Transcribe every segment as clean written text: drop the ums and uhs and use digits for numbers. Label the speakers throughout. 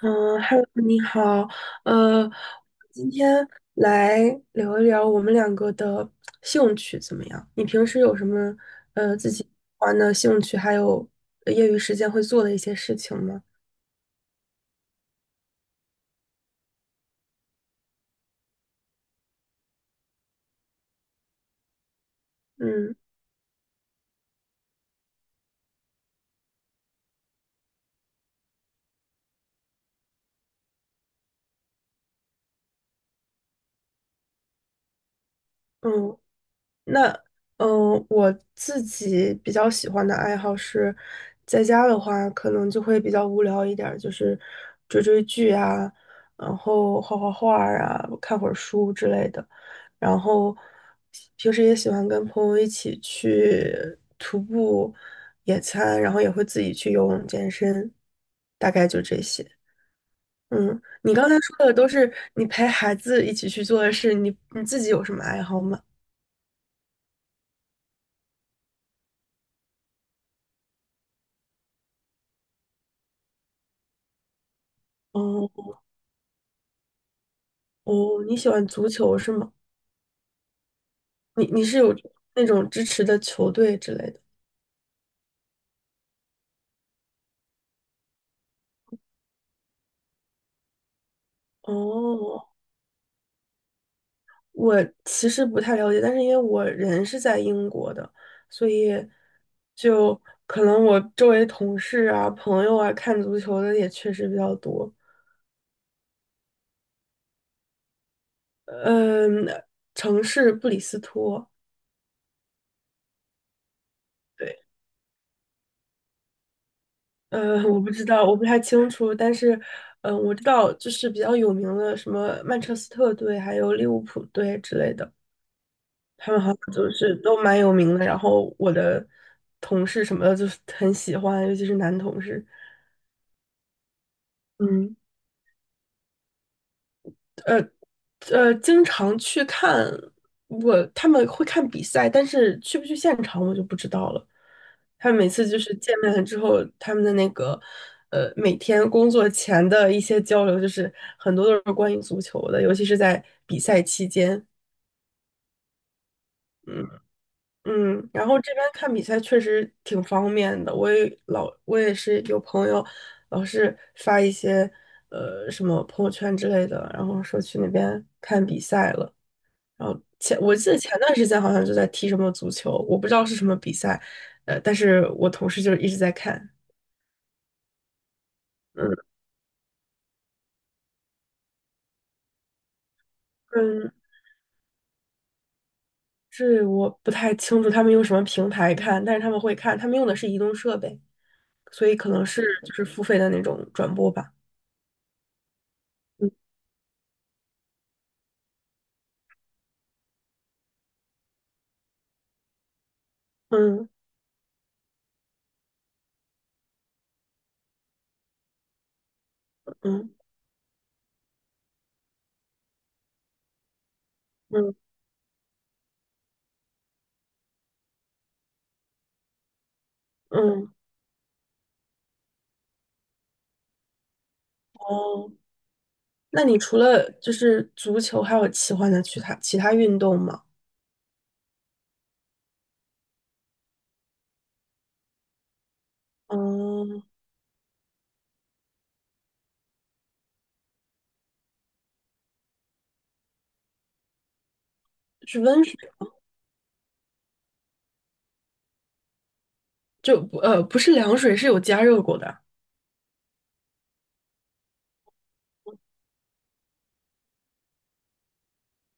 Speaker 1: 嗯，Hello，你好，呃，今天来聊一聊我们两个的兴趣怎么样？你平时有什么自己玩的兴趣，还有业余时间会做的一些事情吗？嗯嗯，那嗯，我自己比较喜欢的爱好是，在家的话可能就会比较无聊一点儿，就是追追剧啊，然后画画画儿啊，看会儿书之类的。然后平时也喜欢跟朋友一起去徒步、野餐，然后也会自己去游泳、健身，大概就这些。嗯，你刚才说的都是你陪孩子一起去做的事，你自己有什么爱好吗？哦，你喜欢足球是吗？你是有那种支持的球队之类的？哦，我其实不太了解，但是因为我人是在英国的，所以就可能我周围同事啊、朋友啊看足球的也确实比较多。嗯，城市布里斯托，对，我不知道，我不太清楚，但是，嗯，我知道就是比较有名的什么曼彻斯特队，还有利物浦队之类的。他们好像就是都蛮有名的，然后我的同事什么的就是很喜欢，尤其是男同事，嗯，呃经常去看他们会看比赛，但是去不去现场我就不知道了。他们每次就是见面了之后，他们的那个每天工作前的一些交流，就是很多都是关于足球的，尤其是在比赛期间。嗯。嗯，然后这边看比赛确实挺方便的，我也是有朋友老是发一些什么朋友圈之类的，然后说去那边看比赛了。然后我记得前段时间好像就在踢什么足球，我不知道是什么比赛，但是我同事就是一直在看。嗯嗯，这我不太清楚他们用什么平台看，但是他们会看，他们用的是移动设备，所以可能是就是付费的那种转播吧。嗯嗯嗯。嗯嗯哦，那你除了就是足球，还有喜欢的其他运动吗？嗯，是温水，就不是凉水，是有加热过的。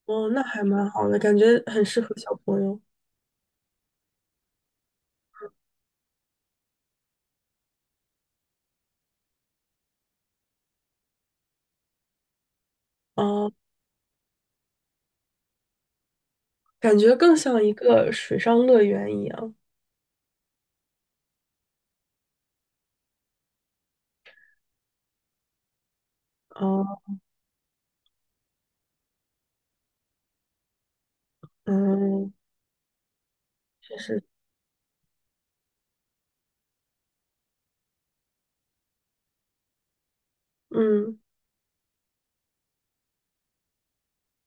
Speaker 1: 哦，那还蛮好的，感觉很适合小朋友。哦，感觉更像一个水上乐园一样。哦，嗯，确实，嗯，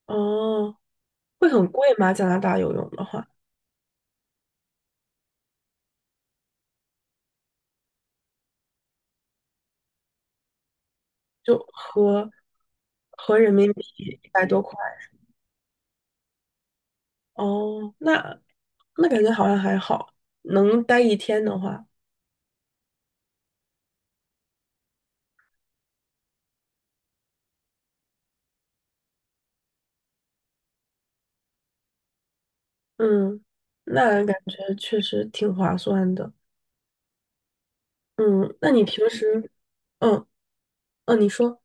Speaker 1: 哦，会很贵吗？加拿大游泳的话，就合人民币一百多块。哦，那那感觉好像还好，能待一天的话，嗯，那感觉确实挺划算的。嗯，那你平时，嗯嗯，你说，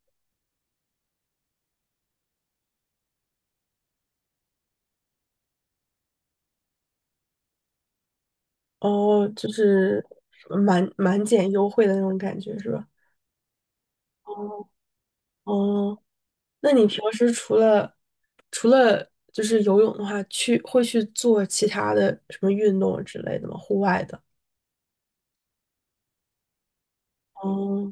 Speaker 1: 哦，就是满减优惠的那种感觉是吧？哦哦，那你平时除了就是游泳的话，去会去做其他的什么运动之类的吗？户外的？哦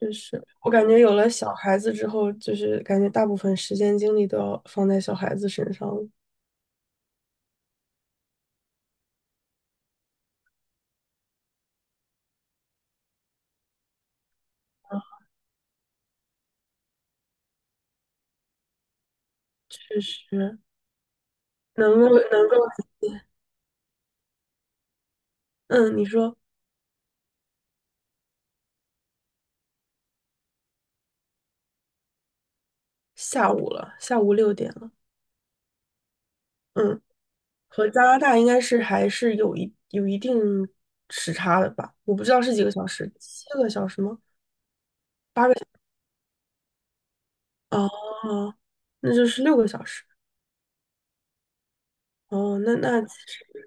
Speaker 1: 确实，我感觉有了小孩子之后，就是感觉大部分时间精力都要放在小孩子身上了。确实，能够，嗯，你说下午了，下午六点了，嗯，和加拿大应该是还是有一定时差的吧？我不知道是几个小时，七个小时吗？八个小时？哦，那就是六个小时。哦，那那其实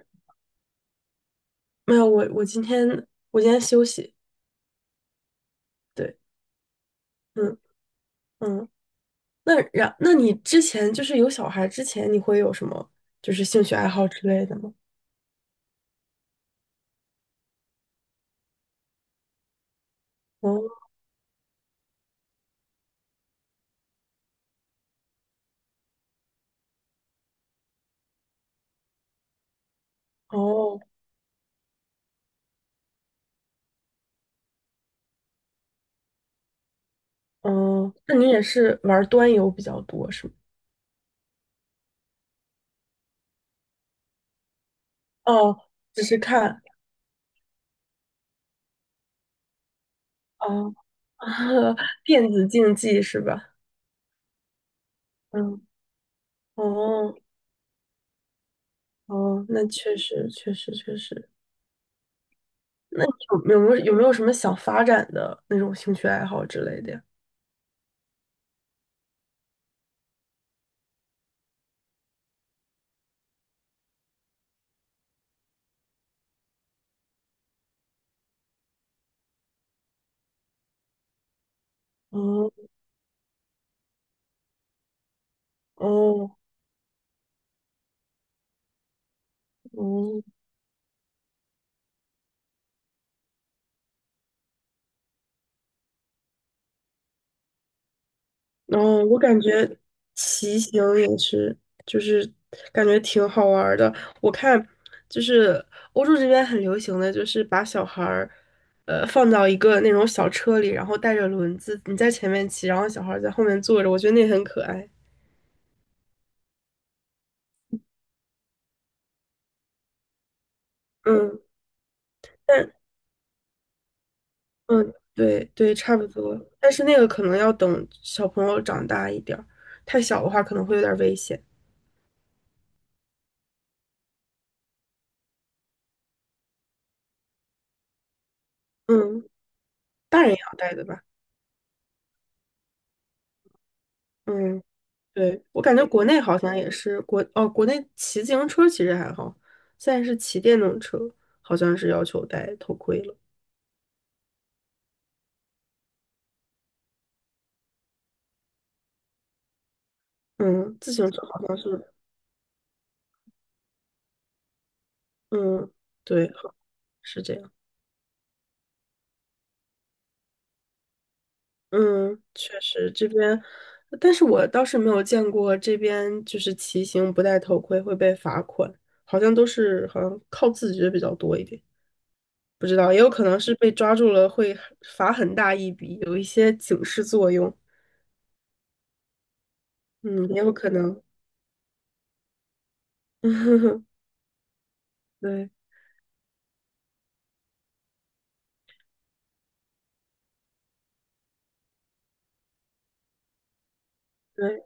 Speaker 1: 没有，我今天休息，对，嗯嗯。那然，那你之前就是有小孩之前，你会有什么就是兴趣爱好之类的吗？哦哦哦，那你也是玩端游比较多是吗？哦，只是看哦，电子竞技是吧？嗯，哦哦，那确实。那你有没有什么想发展的那种兴趣爱好之类的呀？哦哦哦，嗯，我感觉骑行也是，就是感觉挺好玩儿的。我看就是欧洲这边很流行的就是把小孩儿，放到一个那种小车里，然后带着轮子，你在前面骑，然后小孩儿在后面坐着，我觉得那很可爱。嗯，但嗯，对对，差不多。但是那个可能要等小朋友长大一点儿，太小的话可能会有点儿危险。嗯，大人也要带的吧？嗯。对，我感觉国内好像也是哦，国内骑自行车其实还好，现在是骑电动车，好像是要求戴头盔了。嗯，自行车好像是，嗯，对，好是这样。嗯，确实这边，但是我倒是没有见过这边就是骑行不戴头盔会被罚款，好像都是好像靠自觉比较多一点。不知道，也有可能是被抓住了会罚很大一笔，有一些警示作用。嗯，也有可能。对。对，